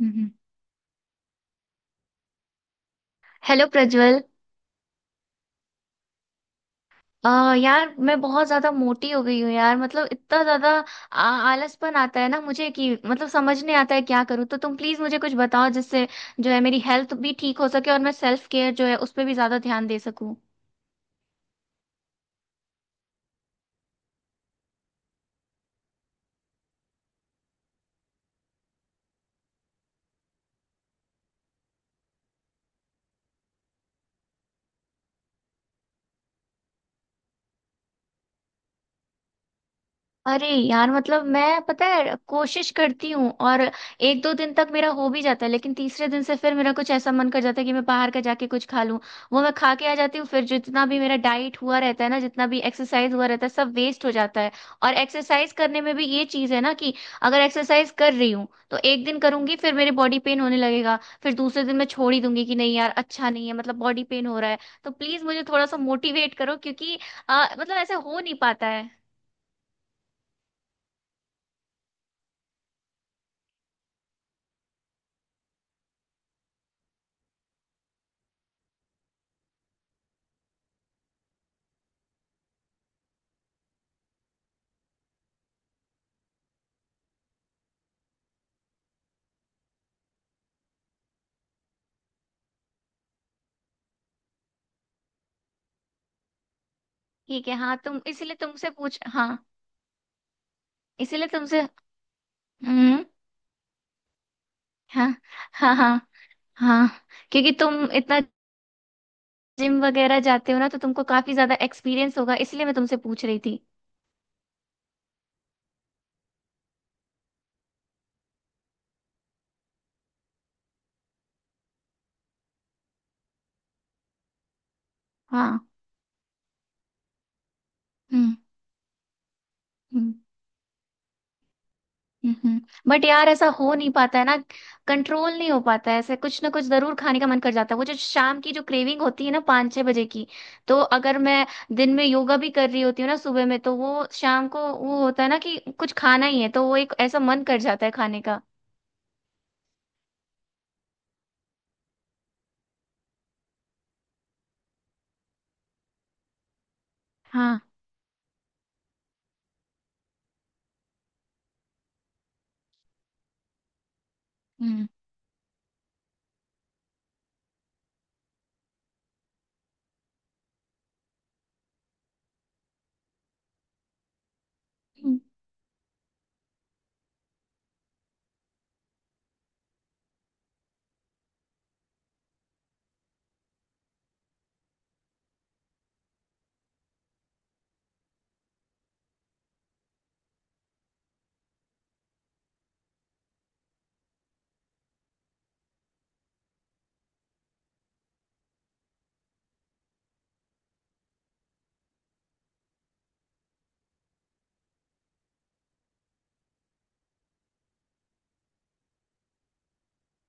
हम्म। Hello Prajwal. यार, मैं बहुत ज्यादा मोटी हो गई हूँ यार, मतलब इतना ज्यादा आ- आलसपन आता है ना मुझे कि मतलब समझ नहीं आता है क्या करूँ। तो तुम प्लीज मुझे कुछ बताओ जिससे जो है मेरी हेल्थ भी ठीक हो सके और मैं सेल्फ केयर जो है उस पर भी ज्यादा ध्यान दे सकूँ। अरे यार, मतलब मैं पता है कोशिश करती हूँ और एक दो दिन तक मेरा हो भी जाता है, लेकिन तीसरे दिन से फिर मेरा कुछ ऐसा मन कर जाता है कि मैं बाहर का जाके कुछ खा लूँ। वो मैं खा के आ जाती हूँ, फिर जितना भी मेरा डाइट हुआ रहता है ना, जितना भी एक्सरसाइज हुआ रहता है सब वेस्ट हो जाता है। और एक्सरसाइज करने में भी ये चीज़ है ना कि अगर एक्सरसाइज कर रही हूँ तो एक दिन करूंगी, फिर मेरे बॉडी पेन होने लगेगा। फिर दूसरे दिन मैं छोड़ ही दूंगी कि नहीं यार अच्छा नहीं है, मतलब बॉडी पेन हो रहा है। तो प्लीज़ मुझे थोड़ा सा मोटिवेट करो, क्योंकि मतलब ऐसा हो नहीं पाता है। ठीक है। हाँ, तुम इसीलिए तुमसे पूछ। हाँ, इसीलिए तुमसे। हम्म। हाँ। हाँ हाँ। हाँ। क्योंकि तुम इतना जिम वगैरह जाते हो ना, तो तुमको काफी ज्यादा एक्सपीरियंस होगा, इसलिए मैं तुमसे पूछ रही थी। हाँ। हम्म। हम्म। हम्म, हम्म। बट यार, ऐसा हो नहीं पाता है ना। कंट्रोल नहीं हो पाता है, ऐसे कुछ ना कुछ जरूर खाने का मन कर जाता है। वो जो शाम की जो क्रेविंग होती है ना, 5-6 बजे की। तो अगर मैं दिन में योगा भी कर रही होती हूँ ना सुबह में, तो वो शाम को वो होता है ना कि कुछ खाना ही है, तो वो एक ऐसा मन कर जाता है खाने का। हाँ। हम्म,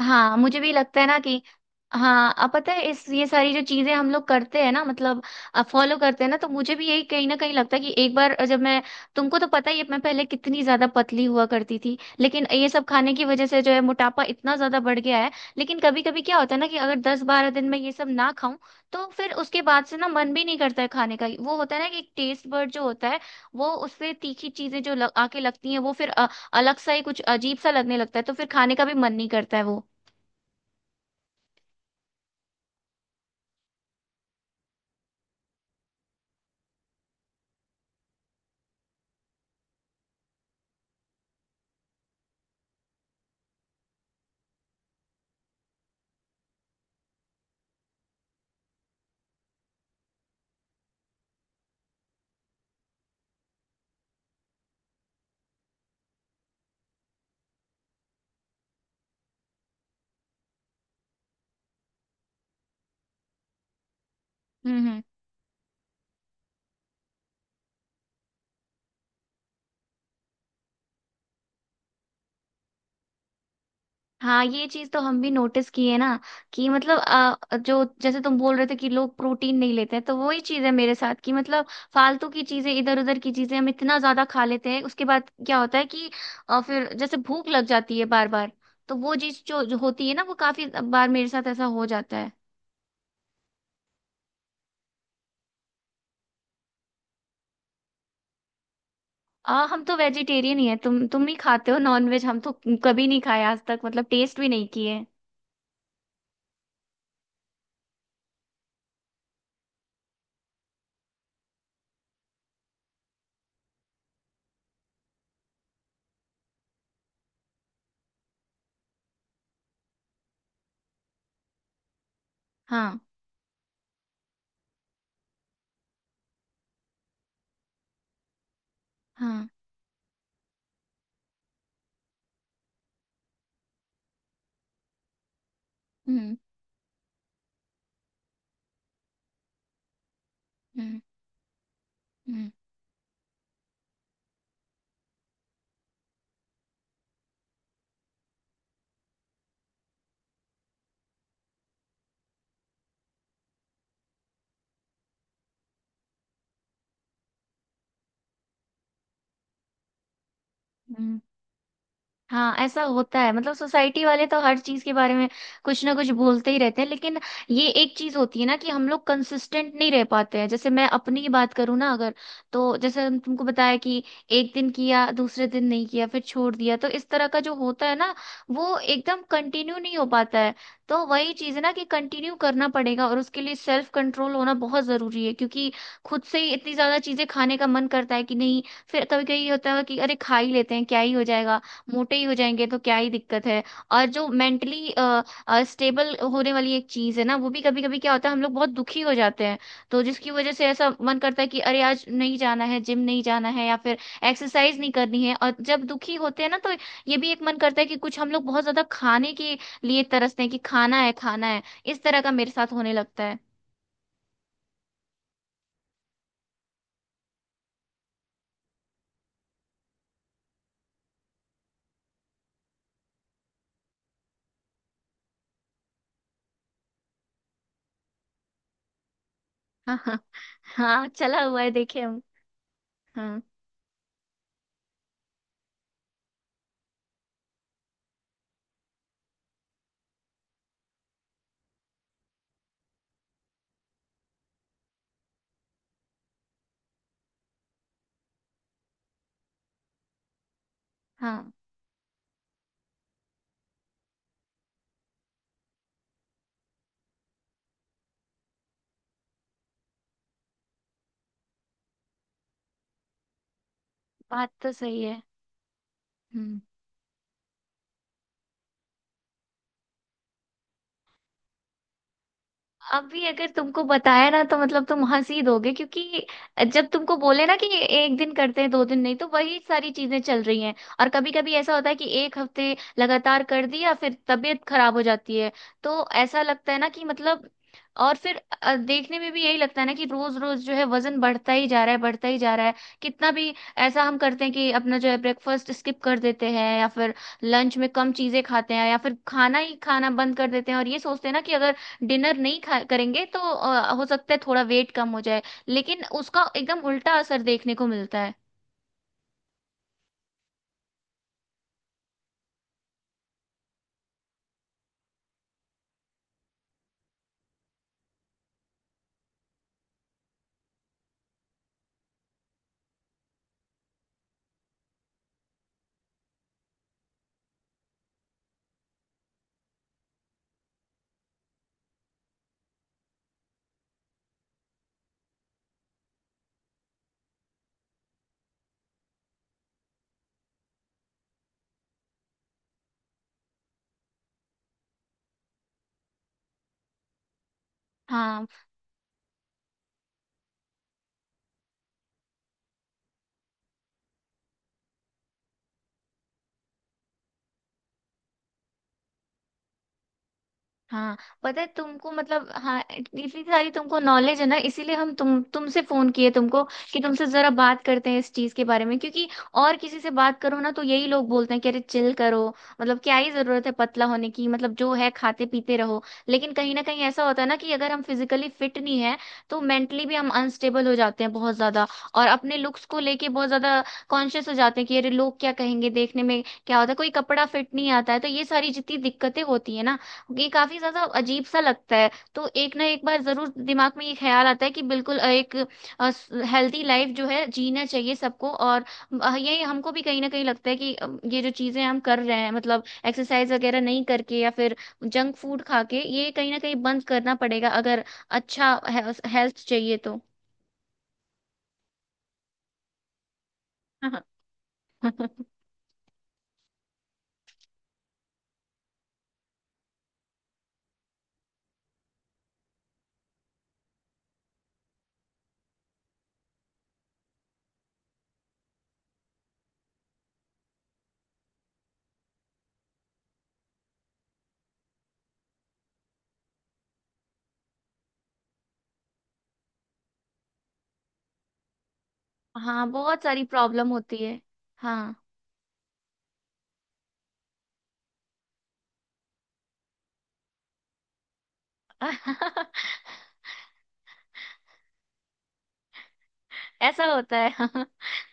हाँ मुझे भी लगता है ना कि। हाँ, अब पता है इस ये सारी जो चीजें हम लोग करते हैं ना, मतलब फॉलो करते हैं ना, तो मुझे भी यही कहीं ना कहीं लगता है कि एक बार जब मैं। तुमको तो पता ही है मैं पहले कितनी ज्यादा पतली हुआ करती थी, लेकिन ये सब खाने की वजह से जो है मोटापा इतना ज्यादा बढ़ गया है। लेकिन कभी कभी क्या होता है ना कि अगर 10-12 दिन में ये सब ना खाऊं, तो फिर उसके बाद से ना मन भी नहीं करता है खाने का। वो होता है ना कि एक टेस्ट बर्ड जो होता है, वो उससे तीखी चीजें आके लगती हैं, वो फिर अलग सा ही कुछ अजीब सा लगने लगता है, तो फिर खाने का भी मन नहीं करता है वो। हम्म। हम्म। हाँ, ये चीज तो हम भी नोटिस की है ना कि मतलब जो जैसे तुम बोल रहे थे कि लोग प्रोटीन नहीं लेते हैं, तो वही चीज है मेरे साथ कि मतलब फालतू की चीजें इधर उधर की चीजें हम इतना ज्यादा खा लेते हैं, उसके बाद क्या होता है कि फिर जैसे भूख लग जाती है बार बार। तो वो चीज जो होती है ना, वो काफी बार मेरे साथ ऐसा हो जाता है। हम तो वेजिटेरियन ही है, तुम ही खाते हो नॉनवेज, हम तो कभी नहीं खाया आज तक, मतलब टेस्ट भी नहीं किए। हाँ। हाँ। हम्म। हम्म। हम्म। हम्म। हाँ ऐसा होता है, मतलब सोसाइटी वाले तो हर चीज के बारे में कुछ ना कुछ बोलते ही रहते हैं, लेकिन ये एक चीज होती है ना कि हम लोग कंसिस्टेंट नहीं रह पाते हैं। जैसे मैं अपनी ही बात करूँ ना, अगर तो जैसे हम तुमको बताया कि एक दिन किया दूसरे दिन नहीं किया फिर छोड़ दिया, तो इस तरह का जो होता है ना वो एकदम कंटिन्यू नहीं हो पाता है। तो वही चीज है ना कि कंटिन्यू करना पड़ेगा, और उसके लिए सेल्फ कंट्रोल होना बहुत जरूरी है, क्योंकि खुद से ही इतनी ज्यादा चीजें खाने का मन करता है कि नहीं। फिर कभी कभी होता है कि अरे खा ही लेते हैं क्या ही हो जाएगा, मोटे ही हो जाएंगे तो क्या ही दिक्कत है। और जो मेंटली स्टेबल होने वाली एक चीज है ना, वो भी कभी कभी क्या होता है हम लोग बहुत दुखी हो जाते हैं, तो जिसकी वजह से ऐसा मन करता है कि अरे आज नहीं जाना है जिम नहीं जाना है या फिर एक्सरसाइज नहीं करनी है। और जब दुखी होते हैं ना, तो ये भी एक मन करता है कि कुछ हम लोग बहुत ज्यादा खाने के लिए तरसते हैं कि खाना है खाना है, इस तरह का मेरे साथ होने लगता है हाँ। हाँ हाँ, चला हुआ है, देखे हम। हाँ हाँ। बात तो सही है। हम्म। अभी अगर तुमको बताया ना तो मतलब तुम हंस ही दोगे, क्योंकि जब तुमको बोले ना कि एक दिन करते हैं दो दिन नहीं, तो वही सारी चीजें चल रही हैं। और कभी कभी ऐसा होता है कि एक हफ्ते लगातार कर दिया फिर तबीयत खराब हो जाती है। तो ऐसा लगता है ना कि मतलब और फिर देखने में भी यही लगता है ना कि रोज रोज जो है वजन बढ़ता ही जा रहा है बढ़ता ही जा रहा है। कितना भी ऐसा हम करते हैं कि अपना जो है ब्रेकफास्ट स्किप कर देते हैं या फिर लंच में कम चीजें खाते हैं या फिर खाना ही खाना बंद कर देते हैं और ये सोचते हैं ना कि अगर डिनर नहीं खा करेंगे तो हो सकता है थोड़ा वेट कम हो जाए, लेकिन उसका एकदम उल्टा असर देखने को मिलता है। हाँ। हाँ, पता है तुमको, मतलब हाँ इतनी सारी तुमको नॉलेज है ना, इसीलिए हम तुमसे फोन किए तुमको, कि तुमसे जरा बात करते हैं इस चीज के बारे में, क्योंकि और किसी से बात करो ना तो यही लोग बोलते हैं कि अरे चिल करो, मतलब क्या ही जरूरत है पतला होने की, मतलब जो है खाते पीते रहो। लेकिन कहीं ना कहीं ऐसा होता है ना कि अगर हम फिजिकली फिट नहीं है, तो मेंटली भी हम अनस्टेबल हो जाते हैं बहुत ज्यादा, और अपने लुक्स को लेके बहुत ज्यादा कॉन्शियस हो जाते हैं कि अरे लोग क्या कहेंगे। देखने में क्या होता है कोई कपड़ा फिट नहीं आता है, तो ये सारी जितनी दिक्कतें होती है ना, ये काफी ज्यादा अजीब सा लगता है, तो एक ना एक बार जरूर दिमाग में ये ख्याल आता है कि बिल्कुल एक हेल्दी लाइफ जो है जीना चाहिए सबको। और ये हमको भी कहीं ना कहीं लगता है कि ये जो चीजें हम कर रहे हैं, मतलब एक्सरसाइज वगैरह नहीं करके या फिर जंक फूड खा के, ये कहीं ना कहीं बंद करना पड़ेगा अगर अच्छा हेल्थ चाहिए तो। हाँ बहुत सारी प्रॉब्लम होती है। हाँ। ऐसा होता है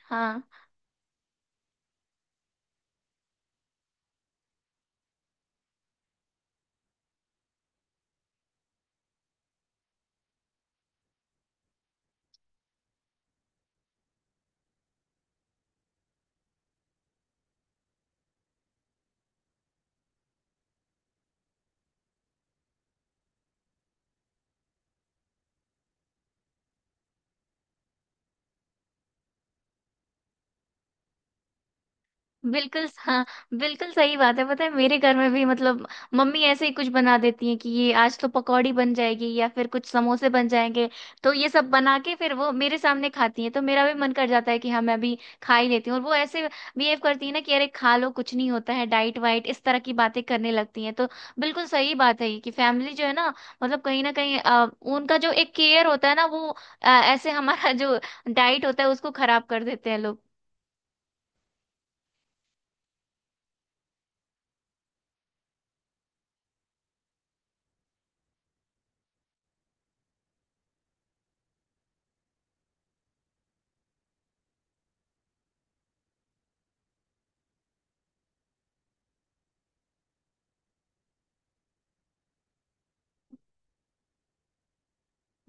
हाँ बिल्कुल। हाँ बिल्कुल सही बात है, पता है मेरे घर में भी मतलब मम्मी ऐसे ही कुछ बना देती हैं कि ये आज तो पकौड़ी बन जाएगी या फिर कुछ समोसे बन जाएंगे। तो ये सब बना के फिर वो मेरे सामने खाती हैं, तो मेरा भी मन कर जाता है कि हाँ मैं भी खा ही लेती हूँ, और वो ऐसे बिहेव करती है ना कि अरे खा लो कुछ नहीं होता है, डाइट वाइट इस तरह की बातें करने लगती हैं। तो बिल्कुल सही बात है ये कि फैमिली जो है ना, मतलब कहीं ना कहीं उनका जो एक केयर होता है ना वो ऐसे हमारा जो डाइट होता है उसको खराब कर देते हैं लोग।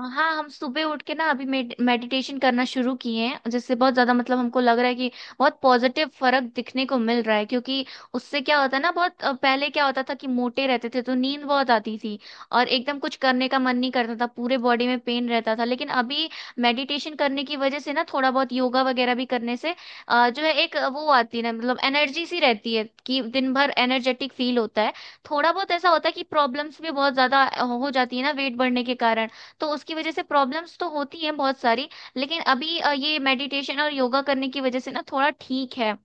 हाँ, हम सुबह उठ के ना अभी मेडिटेशन करना शुरू किए हैं, जिससे बहुत ज्यादा मतलब हमको लग रहा है कि बहुत पॉजिटिव फर्क दिखने को मिल रहा है, क्योंकि उससे क्या होता है ना बहुत पहले क्या होता था कि मोटे रहते थे तो नींद बहुत आती थी, और एकदम कुछ करने का मन नहीं करता था, पूरे बॉडी में पेन रहता था। लेकिन अभी मेडिटेशन करने की वजह से ना, थोड़ा बहुत योगा वगैरह भी करने से जो है एक वो आती है ना, मतलब एनर्जी सी रहती है कि दिन भर एनर्जेटिक फील होता है। थोड़ा बहुत ऐसा होता है कि प्रॉब्लम्स भी बहुत ज्यादा हो जाती है ना वेट बढ़ने के कारण, तो उसकी वजह से प्रॉब्लम्स तो होती हैं बहुत सारी, लेकिन अभी ये मेडिटेशन और योगा करने की वजह से ना थोड़ा ठीक है।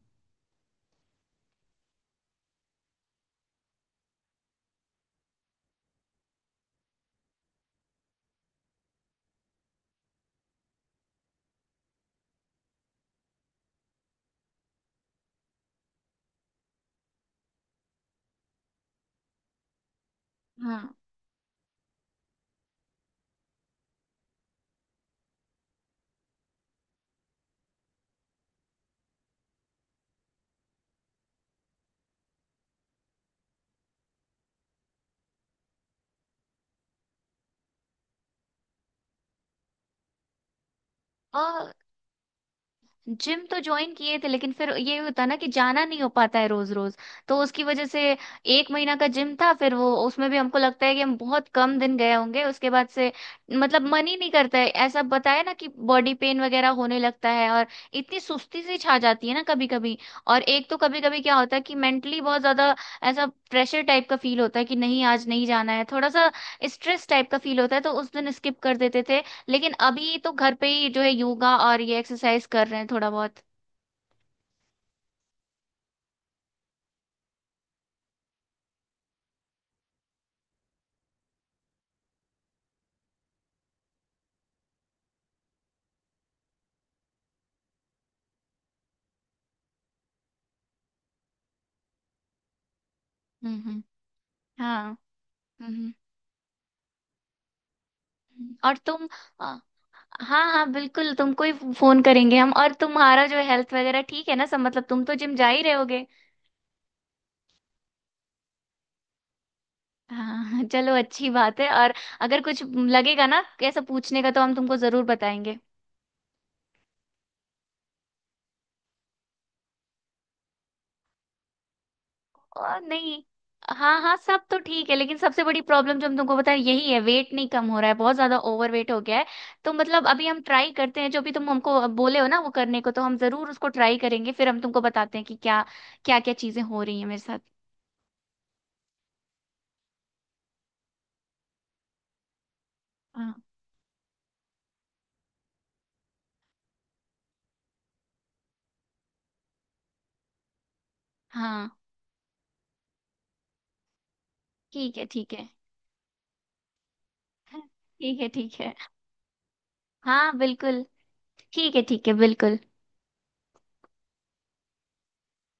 हाँ। अ, जिम तो ज्वाइन किए थे, लेकिन फिर ये होता ना कि जाना नहीं हो पाता है रोज रोज, तो उसकी वजह से एक महीना का जिम था, फिर वो उसमें भी हमको लगता है कि हम बहुत कम दिन गए होंगे। उसके बाद से मतलब मन ही नहीं करता है, ऐसा बताया ना कि बॉडी पेन वगैरह होने लगता है, और इतनी सुस्ती सी छा जाती है ना कभी कभी। और एक तो कभी कभी क्या होता है कि मेंटली बहुत ज्यादा ऐसा प्रेशर टाइप का फील होता है कि नहीं आज नहीं जाना है, थोड़ा सा स्ट्रेस टाइप का फील होता है, तो उस दिन स्किप कर देते थे, लेकिन अभी तो घर पे ही जो है योगा और ये एक्सरसाइज कर रहे हैं थोड़ा बहुत। हम्म। हम्म। हाँ। हम्म। हम्म। और तुम? अ, हाँ हाँ, बिल्कुल तुमको ही फोन करेंगे हम। और तुम्हारा जो हेल्थ वगैरह ठीक है ना सब, मतलब तुम तो जिम जा ही रहोगे। हाँ चलो अच्छी बात है, और अगर कुछ लगेगा ना कैसा पूछने का, तो हम तुमको जरूर बताएंगे। और नहीं, हाँ हाँ सब तो ठीक है, लेकिन सबसे बड़ी प्रॉब्लम जो हम तुमको बता रहे हैं, यही है, वेट नहीं कम हो रहा है, बहुत ज्यादा ओवर वेट हो गया है। तो मतलब अभी हम ट्राई करते हैं जो भी तुम हमको बोले हो ना वो करने को, तो हम जरूर उसको ट्राई करेंगे, फिर हम तुमको बताते हैं कि क्या क्या क्या चीजें हो रही हैं मेरे साथ। हाँ हाँ, ठीक है ठीक है। ठीक है ठीक है। हाँ बिल्कुल। ठीक है बिल्कुल।